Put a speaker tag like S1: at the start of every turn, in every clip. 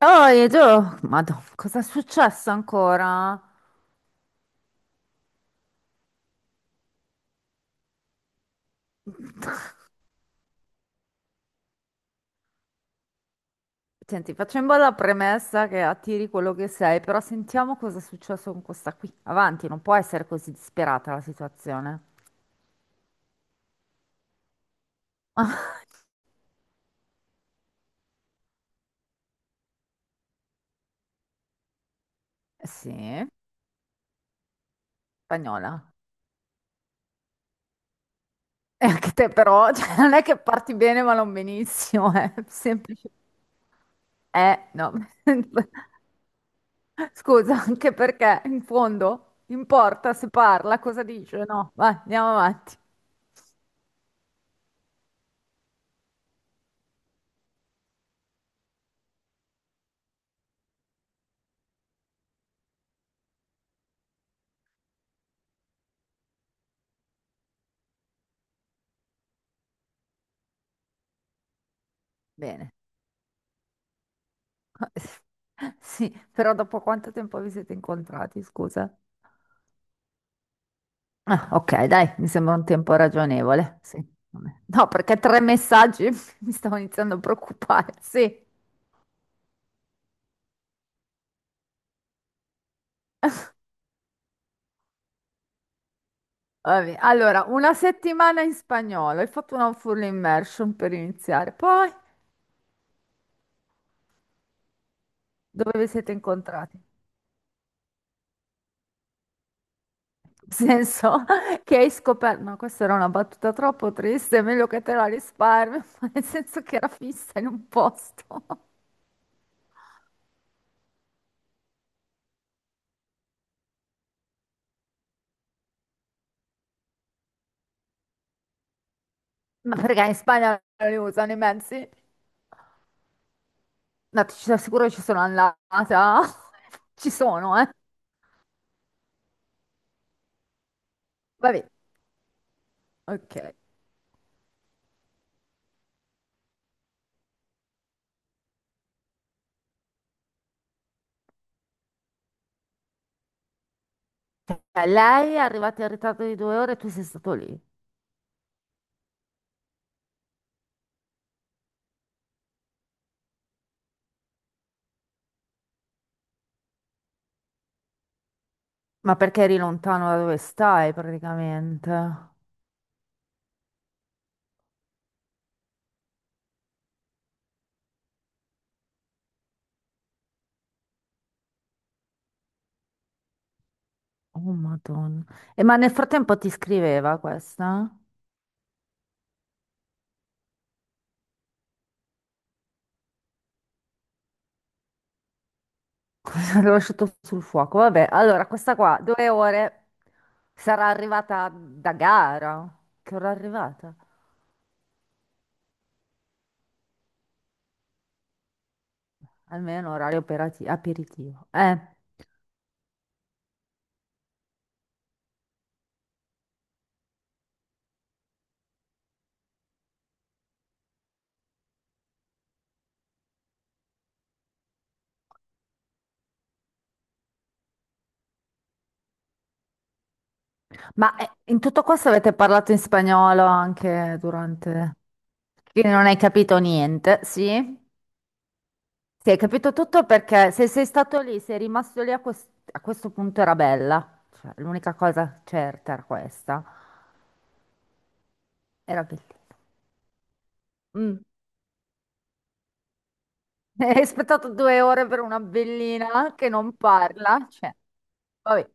S1: Oh, Edo, Madonna, cosa è successo ancora? Senti, facciamo la premessa che attiri quello che sei, però sentiamo cosa è successo con questa qui. Avanti, non può essere così disperata la situazione. Sì, spagnola. E anche te però, cioè, non è che parti bene ma non benissimo, è semplice. No. Scusa, anche perché in fondo importa se parla, cosa dice, no? Vai, andiamo avanti. Bene. Sì, però dopo quanto tempo vi siete incontrati, scusa? Ah, ok, dai, mi sembra un tempo ragionevole. Sì. Vabbè. No, perché tre messaggi mi stavo iniziando a preoccupare. Sì. Vabbè, allora, una settimana in spagnolo, hai fatto una full immersion per iniziare. Poi, dove vi siete incontrati? Nel senso che hai scoperto, ma questa era una battuta troppo triste, è meglio che te la risparmio, ma nel senso che era fissa in un posto. Ma perché in Spagna non li usano i mezzi? No, ti ci assicuro che ci sono andata. Ci sono, eh. Vabbè, ok. Lei è arrivata in ritardo di 2 ore e tu sei stato lì. Ma perché eri lontano da dove stai, praticamente? Oh, Madonna. E ma nel frattempo ti scriveva questa? Cosa l'ho lasciato sul fuoco? Vabbè, allora, questa qua, 2 ore, sarà arrivata da gara. Che ora è arrivata? Almeno orario aperitivo. Ma in tutto questo avete parlato in spagnolo anche durante. Quindi non hai capito niente, sì? Sì, hai capito tutto perché se sei stato lì, sei rimasto lì a questo punto era bella. Cioè, l'unica cosa certa era questa. Era bellina. Mm. Hai aspettato 2 ore per una bellina che non parla. Cioè, vabbè,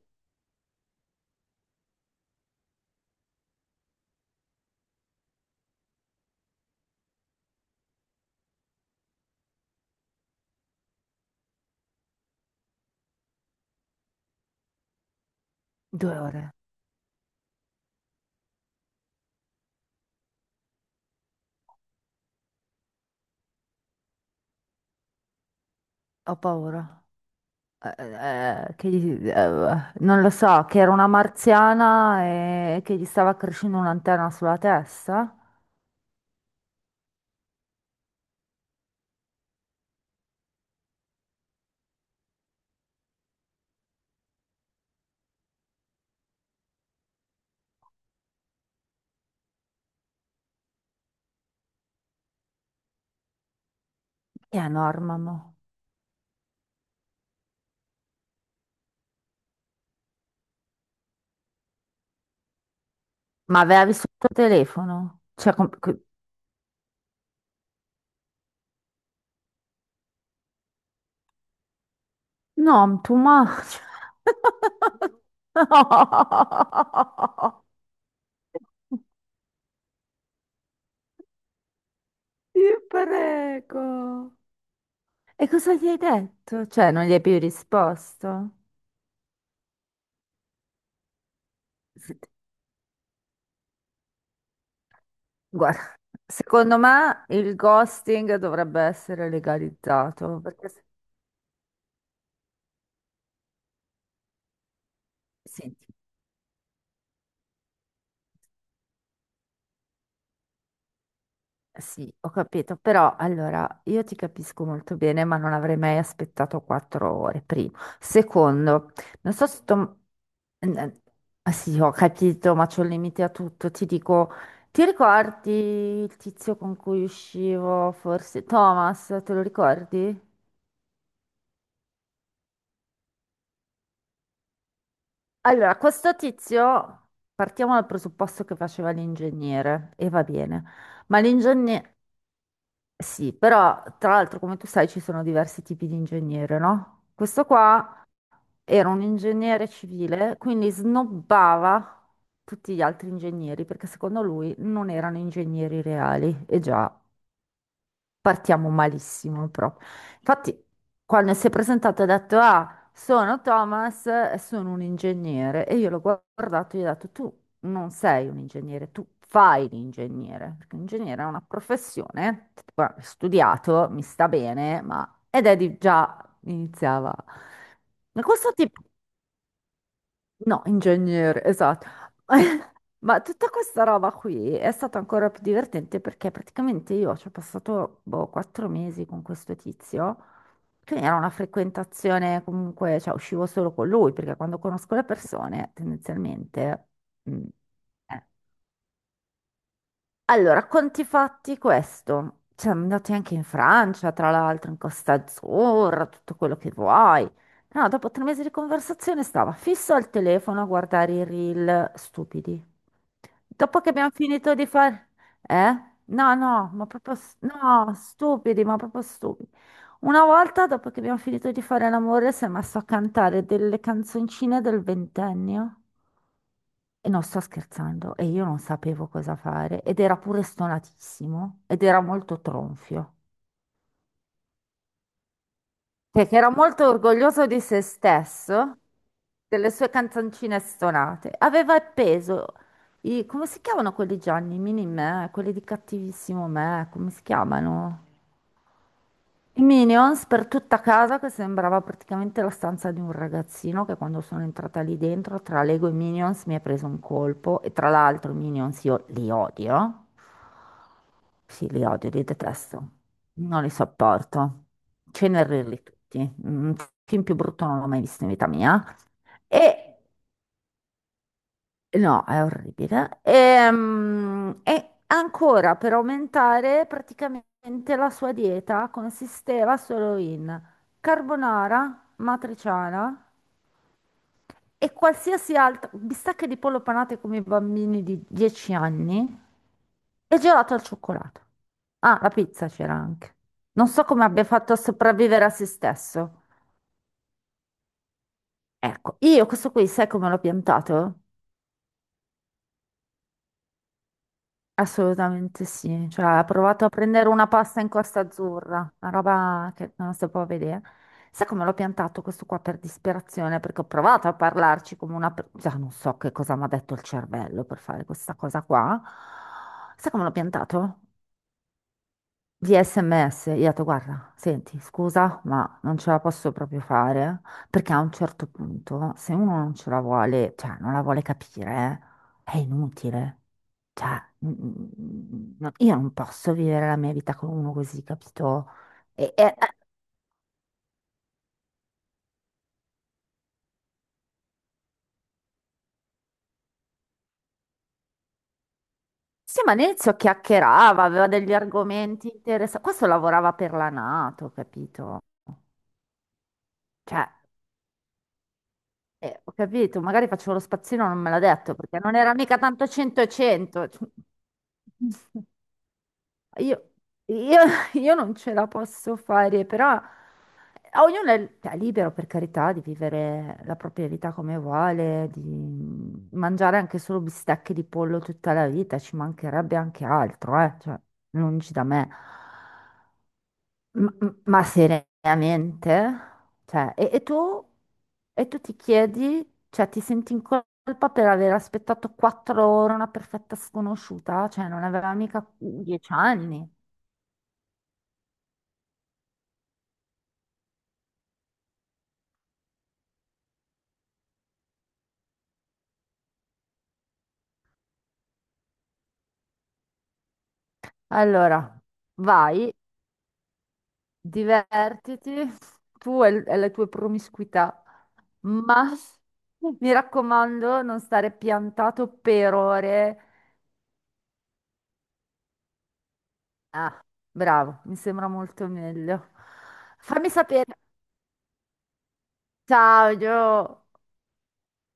S1: 2 ore. Ho paura. Non lo so, che era una marziana e che gli stava crescendo un'antenna sulla testa? Chi è Norma? Mo? Ma aveva visto il tuo telefono? Cioè, no, tu ma. No! Ti prego. E cosa gli hai detto? Cioè, non gli hai più risposto? Se- Guarda, secondo me il ghosting dovrebbe essere legalizzato, perché senti, sì, ho capito, però allora io ti capisco molto bene, ma non avrei mai aspettato 4 ore, primo. Secondo, non so se tu. eh, ah, sì, ho capito, ma c'ho il limite a tutto. Ti dico, ti ricordi il tizio con cui uscivo, forse Thomas, te lo ricordi? Allora, questo tizio, partiamo dal presupposto che faceva l'ingegnere, e va bene, ma l'ingegnere. Sì, però tra l'altro come tu sai ci sono diversi tipi di ingegnere, no? Questo qua era un ingegnere civile, quindi snobbava tutti gli altri ingegneri perché secondo lui non erano ingegneri reali. E già, partiamo malissimo proprio. Infatti, quando si è presentato ha detto, ah, sono Thomas e sono un ingegnere. E io l'ho guardato e gli ho detto, tu non sei un ingegnere, tu fai l'ingegnere. Perché l'ingegnere è una professione, guarda, ho studiato, mi sta bene. Ed Eddie già iniziava. Ma questo tipo. No, ingegnere, esatto. Ma tutta questa roba qui è stata ancora più divertente perché praticamente io ci ho passato boh, 4 mesi con questo tizio, quindi era una frequentazione comunque, cioè uscivo solo con lui perché quando conosco le persone tendenzialmente. mm, eh, allora, conti fatti questo. Cioè, andati anche in Francia, tra l'altro, in Costa Azzurra, tutto quello che vuoi. No, dopo 3 mesi di conversazione stava fisso al telefono a guardare i reel stupidi. Dopo che abbiamo finito di fare. Eh? No, no, ma proprio. No, stupidi, ma proprio stupidi. Una volta, dopo che abbiamo finito di fare l'amore, si è messo a cantare delle canzoncine del ventennio. E non sto scherzando, e io non sapevo cosa fare, ed era pure stonatissimo, ed era molto tronfio, perché era molto orgoglioso di se stesso, delle sue canzoncine stonate. Aveva appeso i, come si chiamano quelli Gianni, mini me, quelli di Cattivissimo Me, come si chiamano? I Minions per tutta casa che sembrava praticamente la stanza di un ragazzino che quando sono entrata lì dentro tra Lego e Minions mi ha preso un colpo e tra l'altro i Minions io li odio. Sì, li odio, li detesto. Non li sopporto. Cenerirli tutti. Un film più brutto non l'ho mai visto in vita mia. E No, è orribile. Ancora per aumentare, praticamente la sua dieta consisteva solo in carbonara, matriciana e qualsiasi altra bistecche di pollo panate come i bambini di 10 anni e gelato al cioccolato. Ah, la pizza c'era anche. Non so come abbia fatto a sopravvivere a se stesso. Ecco, io questo qui, sai come l'ho piantato? Assolutamente sì, cioè ha provato a prendere una pasta in Costa Azzurra, una roba che non si può vedere. Sai come l'ho piantato questo qua per disperazione? Perché ho provato a parlarci come una. Già non so che cosa mi ha detto il cervello per fare questa cosa qua. Sai come l'ho piantato? Via SMS, io ho detto, guarda, senti, scusa, ma non ce la posso proprio fare, perché a un certo punto, se uno non ce la vuole, cioè non la vuole capire, è inutile. Cioè, no, io non posso vivere la mia vita con uno così, capito? E, e- eh, sì, ma all'inizio chiacchierava, aveva degli argomenti interessanti. Questo lavorava per la NATO, capito? Cioè, ho capito, magari facevo lo spazzino, non me l'ha detto, perché non era mica tanto 100 e 100. Io, io- io non ce la posso fare, però a ognuno è libero per carità di vivere la propria vita come vuole, di mangiare anche solo bistecche di pollo tutta la vita, ci mancherebbe anche altro, cioè, lungi da me. Ma seriamente? Cioè, e tu? E tu ti chiedi, cioè ti senti in colpa per aver aspettato 4 ore una perfetta sconosciuta? Cioè, non aveva mica 10 anni. Allora, vai, divertiti, tu e le tue promiscuità, ma mi raccomando, non stare piantato per ore. Ah, bravo, mi sembra molto meglio. Fammi sapere. Ciao, Gio.